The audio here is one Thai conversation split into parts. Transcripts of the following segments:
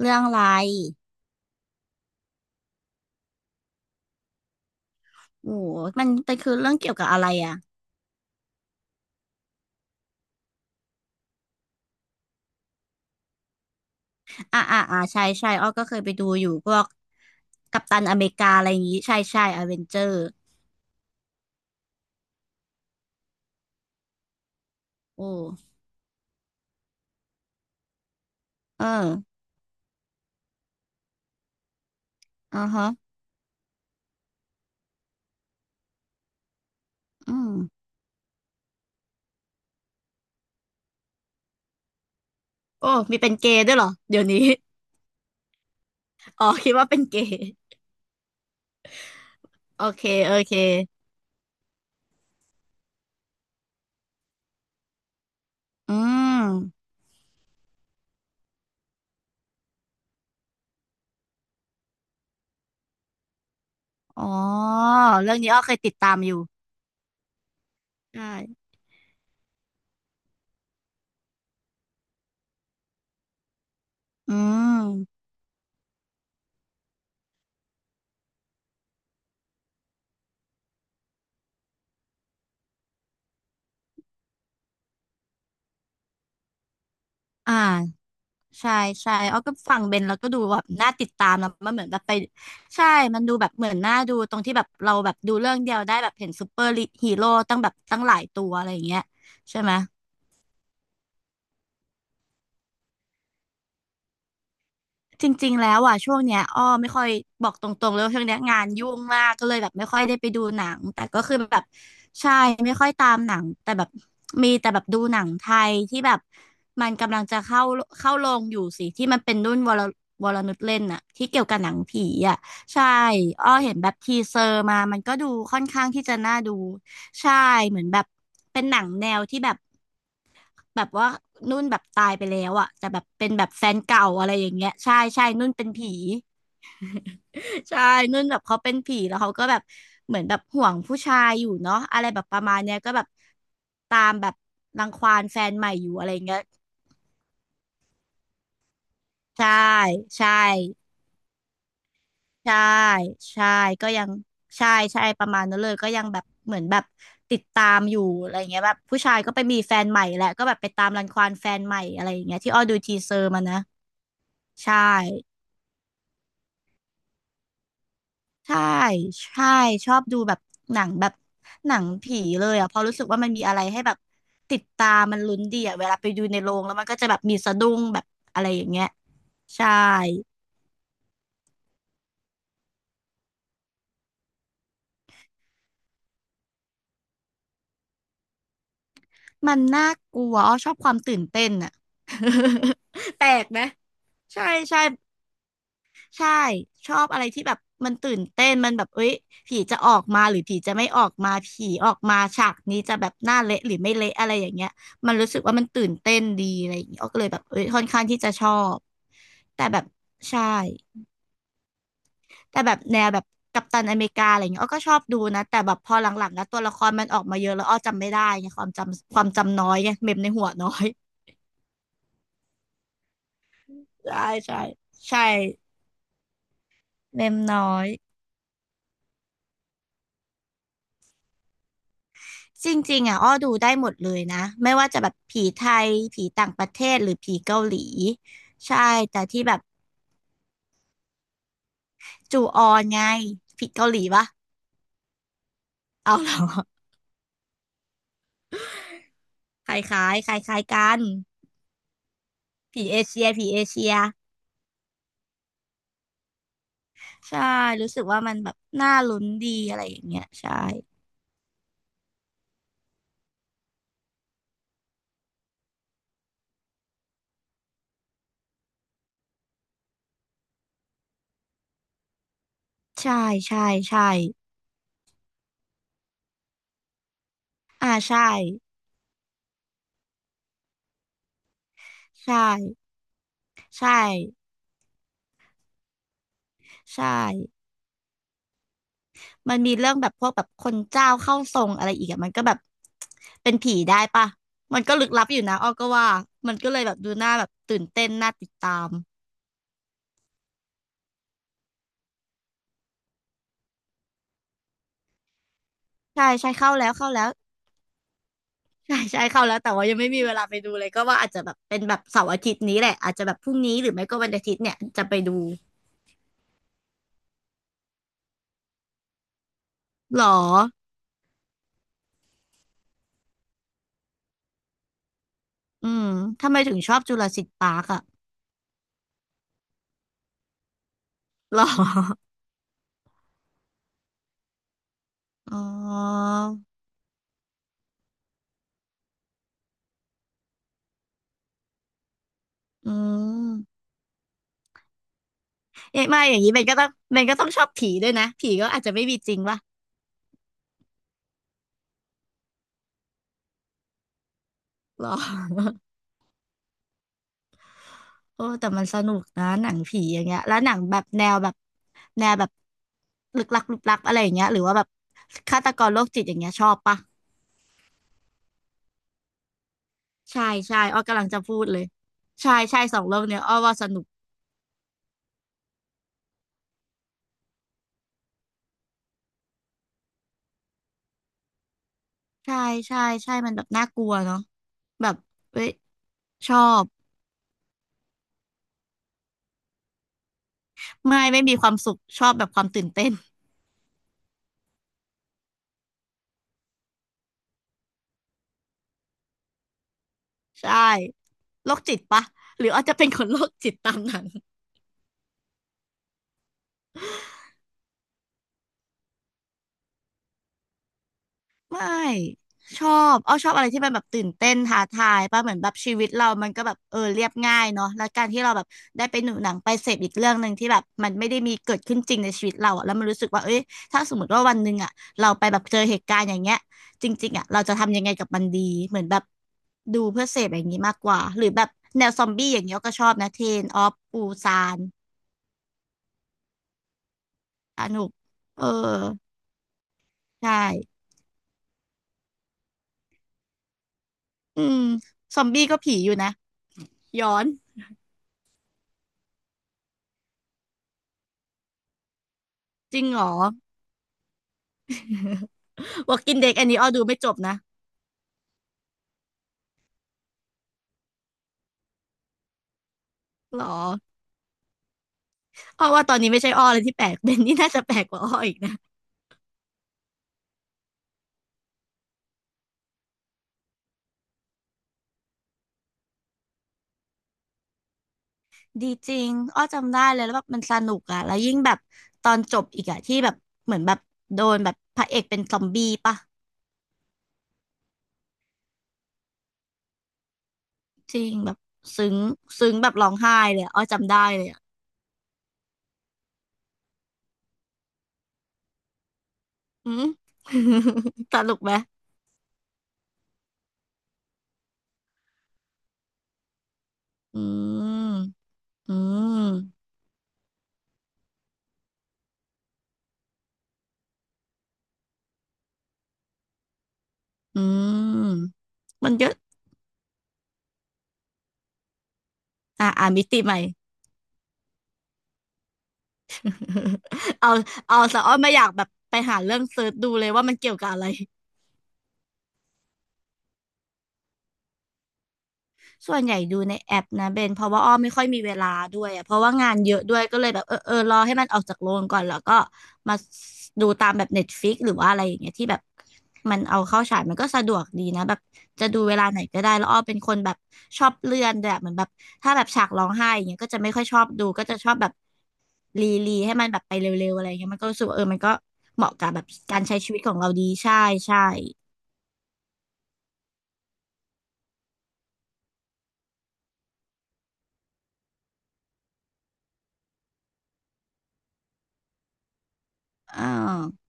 เรื่องอะไรโอ้โหมันเป็นคือเรื่องเกี่ยวกับอะไรอ่ะใช่ใช่อ้อก็เคยไปดูอยู่พวกกัปตันอเมริกาอะไรอย่างงี้ใช่ใช่อเวนเจอร์โอ้เอออ่าฮะอืมโอ้มีเป็นเกย์ด้วยเหรอเดี๋ยวนี้ อ๋อคิดว่าเป็นเกย์โอเคโอเคอืมอ๋อเรื่องนี้อ้อเคยติดตามอยู่ใช่อืมอ่า ใช่ใช่อ้อก็ฟังเบนแล้วก็ดูแบบน่าติดตามนะมันเหมือนแบบไปใช่ มันดูแบบเหมือนน่าดูตรงที่แบบเราแบบดูเรื่องเดียวได้แบบเห็นซูเปอร์ฮีโร่ตั้งแบบตั้งหลายตัวอะไรอย่างเงี้ยใช่ไหม จริงๆ แล้วอ่ะช่วงเนี้ยอ้อไม่ค่อยบอกตรงๆเลยว่าช่วงเนี้ยงานยุ่งมากก็เลยแบบไม่ค่อยได้ไปดูหนังแต่ก็คือแบบใช่ไม่ค่อยตามหนังแต่แบบมีแต่แบบดูหนังไทยที่แบบมันกำลังจะเข้าเข้าโรงอยู่สิที่มันเป็นรุ่นวรวรนุชเล่นน่ะที่เกี่ยวกับหนังผีอ่ะใช่อ้อเห็นแบบทีเซอร์มามันก็ดูค่อนข้างที่จะน่าดูใช่เหมือนแบบเป็นหนังแนวที่แบบ แบบว่านุ่นแบบตายไปแล้วอะแต่แบบเป็นแบบแฟนเก่าอะไรอย่างเงี้ยใช่ใช่นุ่นเป็นผี ใช่นุ่นแบบเขาเป็นผีแล้วเขาก็แบบเหมือนแบบห่วงผู้ชายอยู่เนาะอะไรแบบประมาณเนี้ยก็แบบตามแบบรังควานแฟนใหม่อยู่อะไรอย่างเงี้ยใช่ใช่ใช่ใช่ก็ยังใช่ใช่ประมาณนั้นเลยก็ยังแบบเหมือนแบบติดตามอยู่อะไรอย่างเงี้ยแบบผู้ชายก็ไปมีแฟนใหม่แหละก็แบบไปตามรังควานแฟนใหม่อะไรอย่างเงี้ยที่อ้อดูทีเซอร์มานะใช่ ใช่ใช่ชอบดูแบบหนังแบบหนังผีเลยอ่ะเพราะรู้สึกว่ามันมีอะไรให้แบบติดตามมันลุ้นดีอ่ะเวลาไปดูในโรงแล้วมันก็จะแบบมีสะดุ้งแบบอะไรอย่างเงี้ยใช่มันน่ากลัวอ้อชอบความตื่นเต้นอ่ะ แปลกไหมใช่ใช่ ใช่ชอบอะไรที่แบบมันตื่นเต้นมันแบบเอ้ยผีจะออกมาหรือผีจะไม่ออกมาผีออกมาฉากนี้จะแบบหน้าเละหรือไม่เละอะไรอย่างเงี้ยมันรู้สึกว่ามันตื่นเต้นดีอะไรอย่างเงี้ยอ้อก็เลยแบบเอ้ยค่อนข้างที่จะชอบแต่แบบใช่แต่แบบแนวแบบกัปตันอเมริกาอะไรเงี้ยอ้อก็ชอบดูนะแต่แบบพอหลังๆแล้วตัวละครมันออกมาเยอะแล้วอ้อจำไม่ได้ไงความจำความจำน้อยไงเมมในหัวน้อย ใช่ใช่ใช่เมมน้อย จริงๆอ่ะอ้อดูได้หมดเลยนะไม่ว่าจะแบบผีไทยผีต่างประเทศหรือผีเกาหลีใช่แต่ที่แบบจูออนไงผีเกาหลีปะเอาเหรอ คล้ายๆคล้ายๆกันผีเอเชียผีเอเชียใช่รู้สึกว่ามันแบบน่าลุ้นดีอะไรอย่างเงี้ยใช่ใช่ใช่ใช่อ่าใช่ใช่ใช่ใช่ มันมีเรื่องแบบพวกแบบคนเจ้าเข้าทรงอะไรอีกอะมันก็แบบ เป็นผีได้ปะมันก็ลึกลับอยู่นะอ้อก็ว่ามันก็เลยแบบดูน่าแบบตื่นเต้นน่าติดตามใช่ใช่เข้าแล้วเข้าแล้วใช่ใช่เข้าแล้วแต่ว่ายังไม่มีเวลาไปดูเลยก็ว่าอาจจะแบบเป็นแบบเสาร์อาทิตย์นี้แหละอาจจะแบบพรุ่งนี้หรือไม่ก็วันอาทิตย์เนี่ยจะไปดูหรออืมทำไมถึงชอบจุราสิลิ์ปาร์กอะหรอ อ๋ออืมเอ๊ะไม่อย่างนี้เบนก็ต้องเบนก็ต้องชอบผีด้วยนะผีก็อาจจะไม่มีจริงวะหรอ โอ้แต่มันสนุกนะหนังผีอย่างเงี้ยแล้วหนังแบบแนวแบบแนวแบบลึกลับลึกลับอะไรอย่างเงี้ยหรือว่าแบบฆาตกรโรคจิตอย่างเงี้ยชอบปะใช่ใช่อ้อกำลังจะพูดเลยใช่ใช่สองเรื่องเนี้ยอ้อว่าสนุกใช่ใช่ใช่มันแบบน่ากลัวเนาะแบบเว้ยชอบไม่ไม่มีความสุขชอบแบบความตื่นเต้นใช่โรคจิตปะหรืออาจจะเป็นคนโรคจิตตามหนัง ไม่ชอบเอาชอบอะไรที่มันแบบตื่นเต้นท้าทายป่ะเหมือนแบบชีวิตเรามันก็แบบเรียบง่ายเนาะแล้วการที่เราแบบได้ไปหนังไปเสพอีกเรื่องหนึ่งที่แบบมันไม่ได้มีเกิดขึ้นจริงในชีวิตเราอะแล้วมันรู้สึกว่าเอ้ยถ้าสมมติว่าวันหนึ่งอะเราไปแบบเจอเหตุการณ์อย่างเงี้ยจริงๆอะเราจะทำยังไงกับมันดีเหมือนแบบดูเพื่อเสพอย่างนี้มากกว่าหรือแบบแนวซอมบี้อย่างเงี้ยก็ชอบนะเทนออฟปูซานอนุกเออใช่อืมซอมบี้ก็ผีอยู่นะย้อนจริงเหรอ Walking Dead อันนี้อ้อดูไม่จบนะหรออ้อว่าตอนนี้ไม่ใช่อ้อเลยที่แปลกเป็น นี่น่าจะแปลกกว่าอ้ออีกนะดีจริงอ้อจำได้เลยแล้วแบบมันสนุกอะแล้วยิ่งแบบตอนจบอีกอะที่แบบเหมือนแบบโดนแบบพระเอกเป็นซอมบี้ปะจริงแบบซึ้งซึ้งแบบร้องไห้เลยอะอ้อจำได้เลยอะอืม สนุกไหมอืมอืมอืมมันเยอะอ่ะอ่ามิติใหม่ เอาเอาสะอ้อมไม่อยากแบบไปหาเรื่องเซิร์ชดูเลยว่ามันเกี่ยวกับอะไร ส่วนใหญ่ดูในแอปนะเบนเพราะว่าอ้อไม่ค่อยมีเวลาด้วยอะเพราะว่างานเยอะด้วยก็เลยแบบเออรอให้มันออกจากโรงก่อนแล้วก็มาดูตามแบบ Netflix หรือว่าอะไรอย่างเงี้ยที่แบบมันเอาเข้าฉายมันก็สะดวกดีนะแบบจะดูเวลาไหนก็ได้แล้วอ้อเป็นคนแบบชอบเลื่อนด้วยอะเหมือนแบบถ้าแบบฉากร้องไห้อย่างเงี้ยก็จะไม่ค่อยชอบดูก็จะชอบแบบรีให้มันแบบไปเร็วๆอะไรอย่างเงี้ยมันก็รู้สึกว่าเออมันก็เหมาะกับแบบการใช้ชีวิตของเราดีใช่ใช่อ่า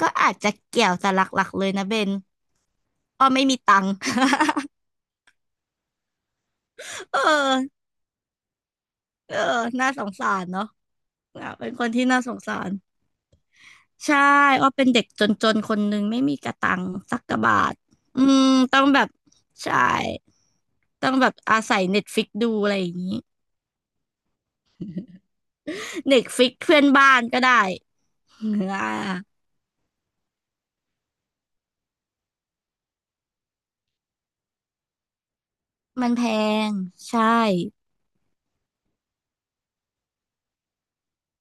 ก็อาจจะเกี่ยวแต่หลักๆเลยนะเบน อ๋อไม่มีตังค์ เออเออน่าสงสารเนาะอ่ะเป็นคนที่น่าสงสารใช่อ้อเป็นเด็กจนๆคนหนึ่งไม่มีกระตังค์สักกะบาทอืมต้องแบบใช่ต้องแบบอาศัยเน็ตฟิกดูอะไรอย่างนี้ เน็ตฟิกเพื่อนบ้านก็ได้อ่ามันแพงใช่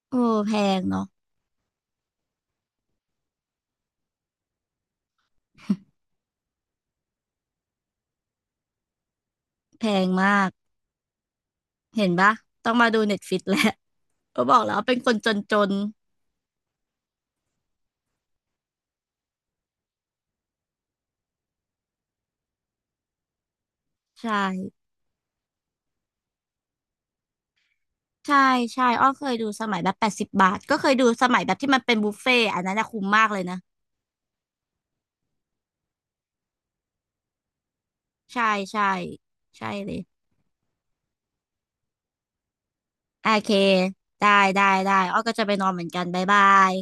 โอ้แพงเนาะแพงมากเห็นปะต้องมาดูเน็ตฟิกแล้ว ก็บอกแล้วเป็นคนจนๆใช่ ใช่ใช่อ้อเคยดูสมัยแบบ80 บาทก็เคยดูสมัยแบบที่มันเป็นบุฟเฟ่ต์อันนั้นนะคุ้มมากเลยนะใช่ใช่ใช่เลยโอเคได้ได้ได้อ้อก็จะไปนอนเหมือนกันบ๊ายบาย